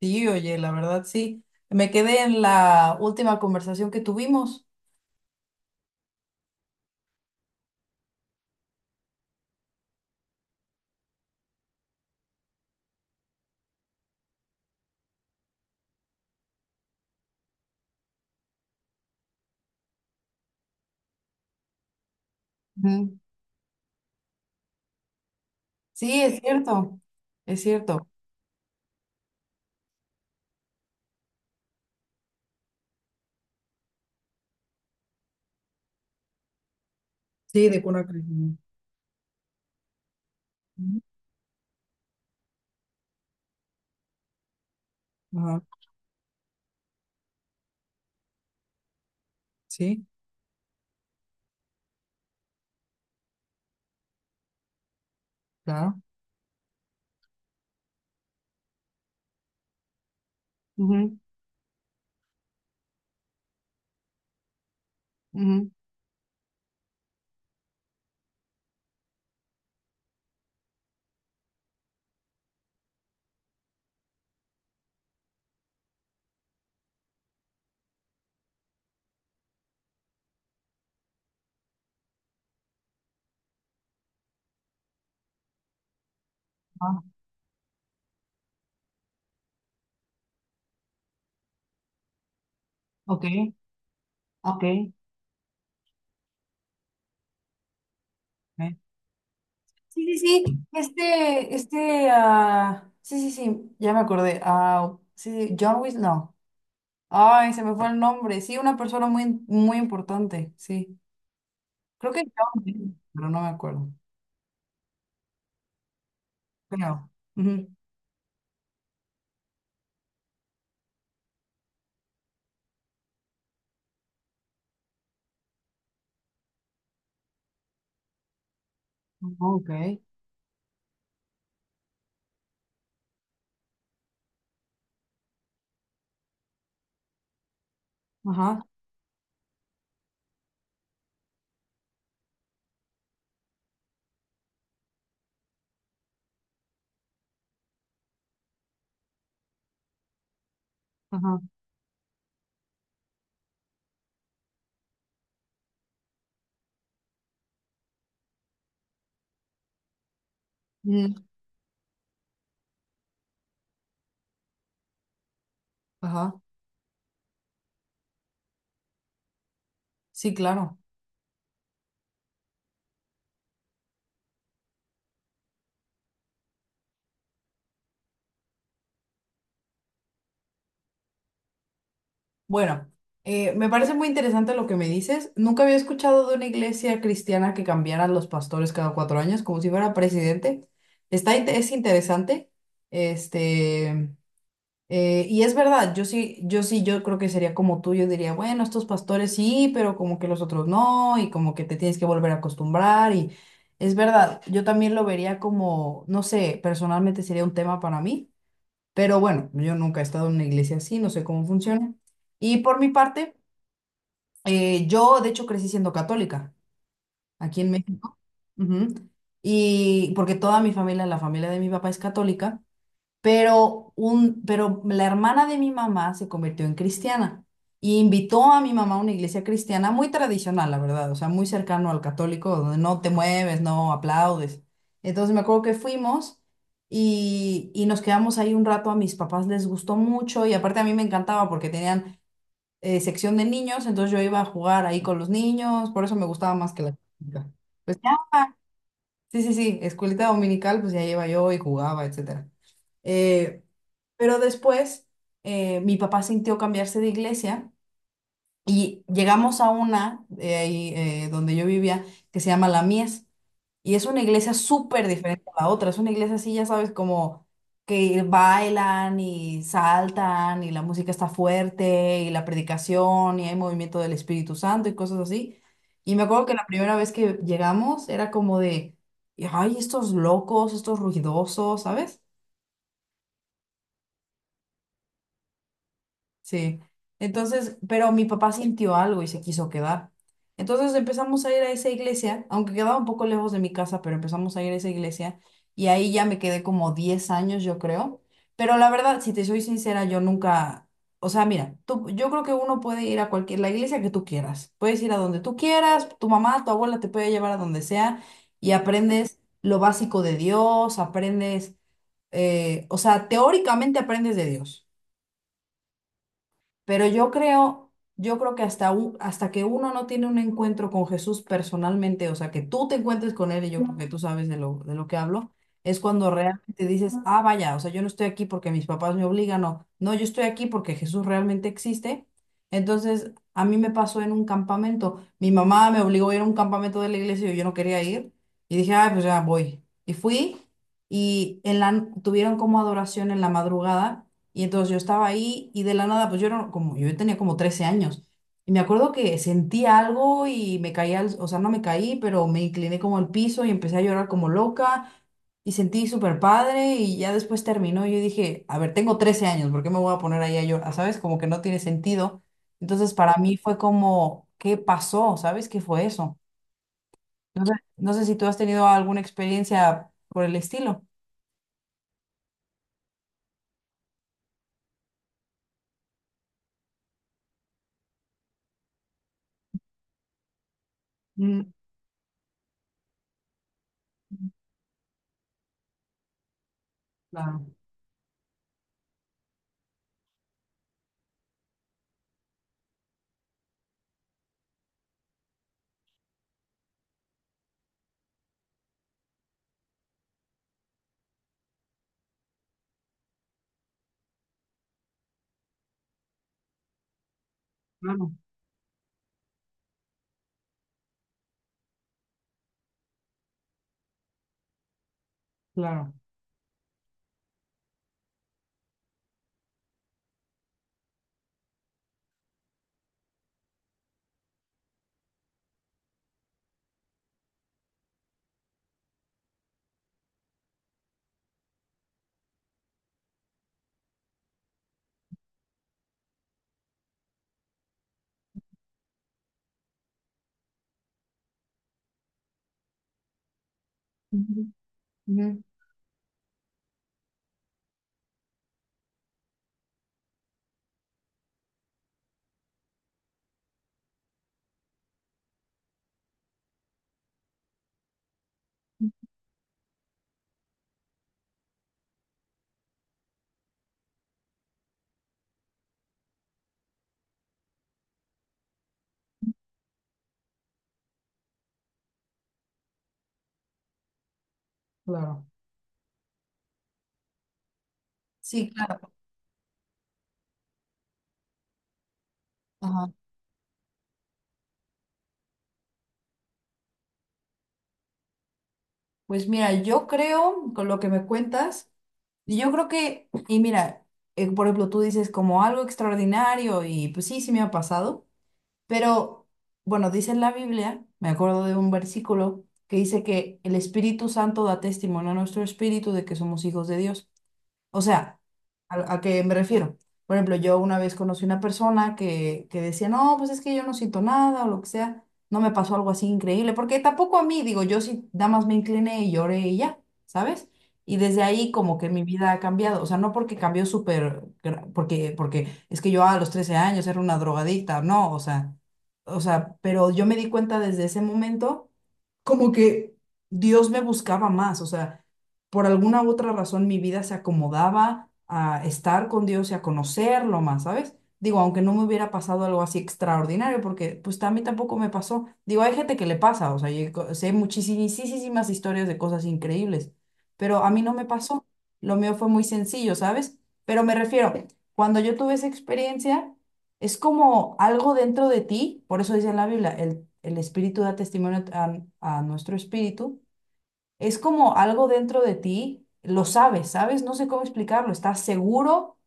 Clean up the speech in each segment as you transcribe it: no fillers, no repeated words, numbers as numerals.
Sí, oye, la verdad sí. Me quedé en la última conversación que tuvimos. Ujú. Sí, es cierto, es cierto. Sí, de cuna crecimiento. Ujú. Ajá. Sí, claro. Ujú, ujú. Ah, ok, ok. Eh, Sí, sí, sí. Sí, sí, sí, ya me acordé. Ah, sí, sí, John Wick, no. Ay, se me fue el nombre. Sí, una persona muy, muy importante, sí. Creo que John, Wick, pero no me acuerdo. Pero, ujú. Oh, ok, ajá, ajá, mm, ajá, sí, claro. Bueno, me parece muy interesante lo que me dices. Nunca había escuchado de una iglesia cristiana que cambiara los pastores cada 4 años, como si fuera presidente. Es interesante. Este, y es verdad, yo sí, yo creo que sería como tú, yo diría, bueno, estos pastores sí, pero como que los otros no, y como que te tienes que volver a acostumbrar. Y es verdad, yo también lo vería como, no sé, personalmente sería un tema para mí. Pero bueno, yo nunca he estado en una iglesia así, no sé cómo funciona. Y por mi parte, yo de hecho crecí siendo católica aquí en México. Ujú. Y porque toda mi familia, la familia de mi papá es católica. Pero la hermana de mi mamá se convirtió en cristiana y invitó a mi mamá a una iglesia cristiana muy tradicional, la verdad, o sea, muy cercano al católico, donde no te mueves, no aplaudes. Entonces me acuerdo que fuimos y nos quedamos ahí un rato, a mis papás les gustó mucho y aparte a mí me encantaba porque tenían sección de niños, entonces yo iba a jugar ahí con los niños, por eso me gustaba más que la católica. Pues ya sí, sí, sí, escuelita dominical, pues ya iba yo y jugaba, etcétera. Eh, pero después mi papá sintió cambiarse de iglesia y llegamos a una donde yo vivía, que se llama La Mies. Y es una iglesia súper diferente a la otra. Es una iglesia así, ya sabes, como que bailan y saltan y la música está fuerte y la predicación y hay movimiento del Espíritu Santo y cosas así. Y me acuerdo que la primera vez que llegamos era como de, ay, estos locos, estos ruidosos, ¿sabes? Sí. Entonces, pero mi papá sintió algo y se quiso quedar. Entonces empezamos a ir a esa iglesia, aunque quedaba un poco lejos de mi casa, pero empezamos a ir a esa iglesia y ahí ya me quedé como 10 años, yo creo. Pero la verdad, si te soy sincera, yo nunca, o sea, mira, tú, yo creo que uno puede ir a cualquier, la iglesia que tú quieras. Puedes ir a donde tú quieras, tu mamá, tu abuela te puede llevar a donde sea y aprendes lo básico de Dios, aprendes o sea, teóricamente aprendes de Dios. Pero yo creo que hasta que uno no tiene un encuentro con Jesús personalmente, o sea, que tú te encuentres con él, y yo creo que tú sabes de lo que hablo, es cuando realmente dices, ah, vaya, o sea, yo no estoy aquí porque mis papás me obligan, no, no, yo estoy aquí porque Jesús realmente existe. Entonces, a mí me pasó en un campamento, mi mamá me obligó a ir a un campamento de la iglesia y yo no quería ir, y dije, ah, pues ya voy. Y fui, tuvieron como adoración en la madrugada. Y entonces yo estaba ahí y de la nada, pues yo era como, yo tenía como 13 años. Y me acuerdo que sentí algo y me caí al, o sea, no me caí, pero me incliné como al piso y empecé a llorar como loca y sentí súper padre y ya después terminó. Y yo dije, a ver, tengo 13 años, ¿por qué me voy a poner ahí a llorar? ¿Sabes? Como que no tiene sentido. Entonces para mí fue como, ¿qué pasó? ¿Sabes qué fue eso? No sé, no sé si tú has tenido alguna experiencia por el estilo. Mm, claro, claro, claro. Ujú, ujú, claro. Sí, claro. Ajá. Pues mira, yo creo, con lo que me cuentas, y yo creo que, y mira, por ejemplo, tú dices como algo extraordinario y pues sí, sí me ha pasado, pero bueno, dice en la Biblia, me acuerdo de un versículo que dice que el Espíritu Santo da testimonio a nuestro espíritu de que somos hijos de Dios. O sea, a qué me refiero? Por ejemplo, yo una vez conocí una persona que decía, no, pues es que yo no siento nada o lo que sea, no me pasó algo así increíble, porque tampoco a mí, digo, yo sí, nada más me incliné y lloré y ya, ¿sabes? Y desde ahí como que mi vida ha cambiado, o sea, no porque cambió porque, porque es que yo a los 13 años era una drogadicta, no, o sea, pero yo me di cuenta desde ese momento como que Dios me buscaba más, o sea, por alguna otra razón mi vida se acomodaba a estar con Dios y a conocerlo más, ¿sabes? Digo, aunque no me hubiera pasado algo así extraordinario, porque pues a mí tampoco me pasó. Digo, hay gente que le pasa, o sea, sé muchísimas historias de cosas increíbles, pero a mí no me pasó. Lo mío fue muy sencillo, ¿sabes? Pero me refiero, cuando yo tuve esa experiencia es como algo dentro de ti, por eso dice en la Biblia, el espíritu da testimonio a nuestro espíritu, es como algo dentro de ti, lo sabes, ¿sabes? No sé cómo explicarlo, estás seguro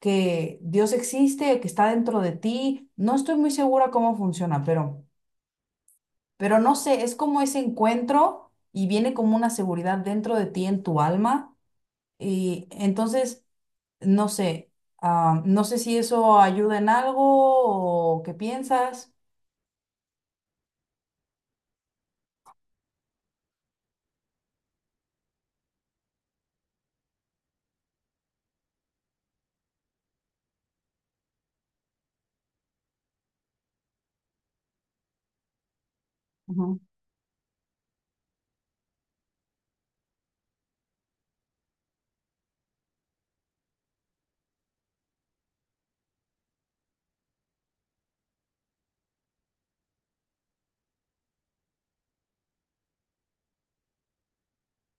que Dios existe, que está dentro de ti, no estoy muy segura cómo funciona, pero no sé, es como ese encuentro y viene como una seguridad dentro de ti, en tu alma, y entonces, no sé, ah, no sé si eso ayuda en algo o qué piensas.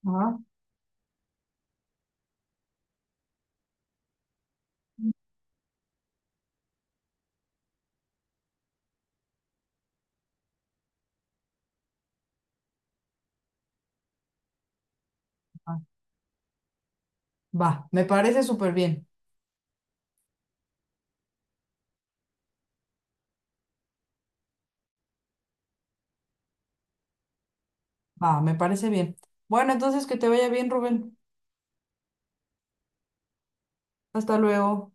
Ajá. Va, va, me parece súper bien. Va, me parece bien. Bueno, entonces que te vaya bien, Rubén. Hasta luego.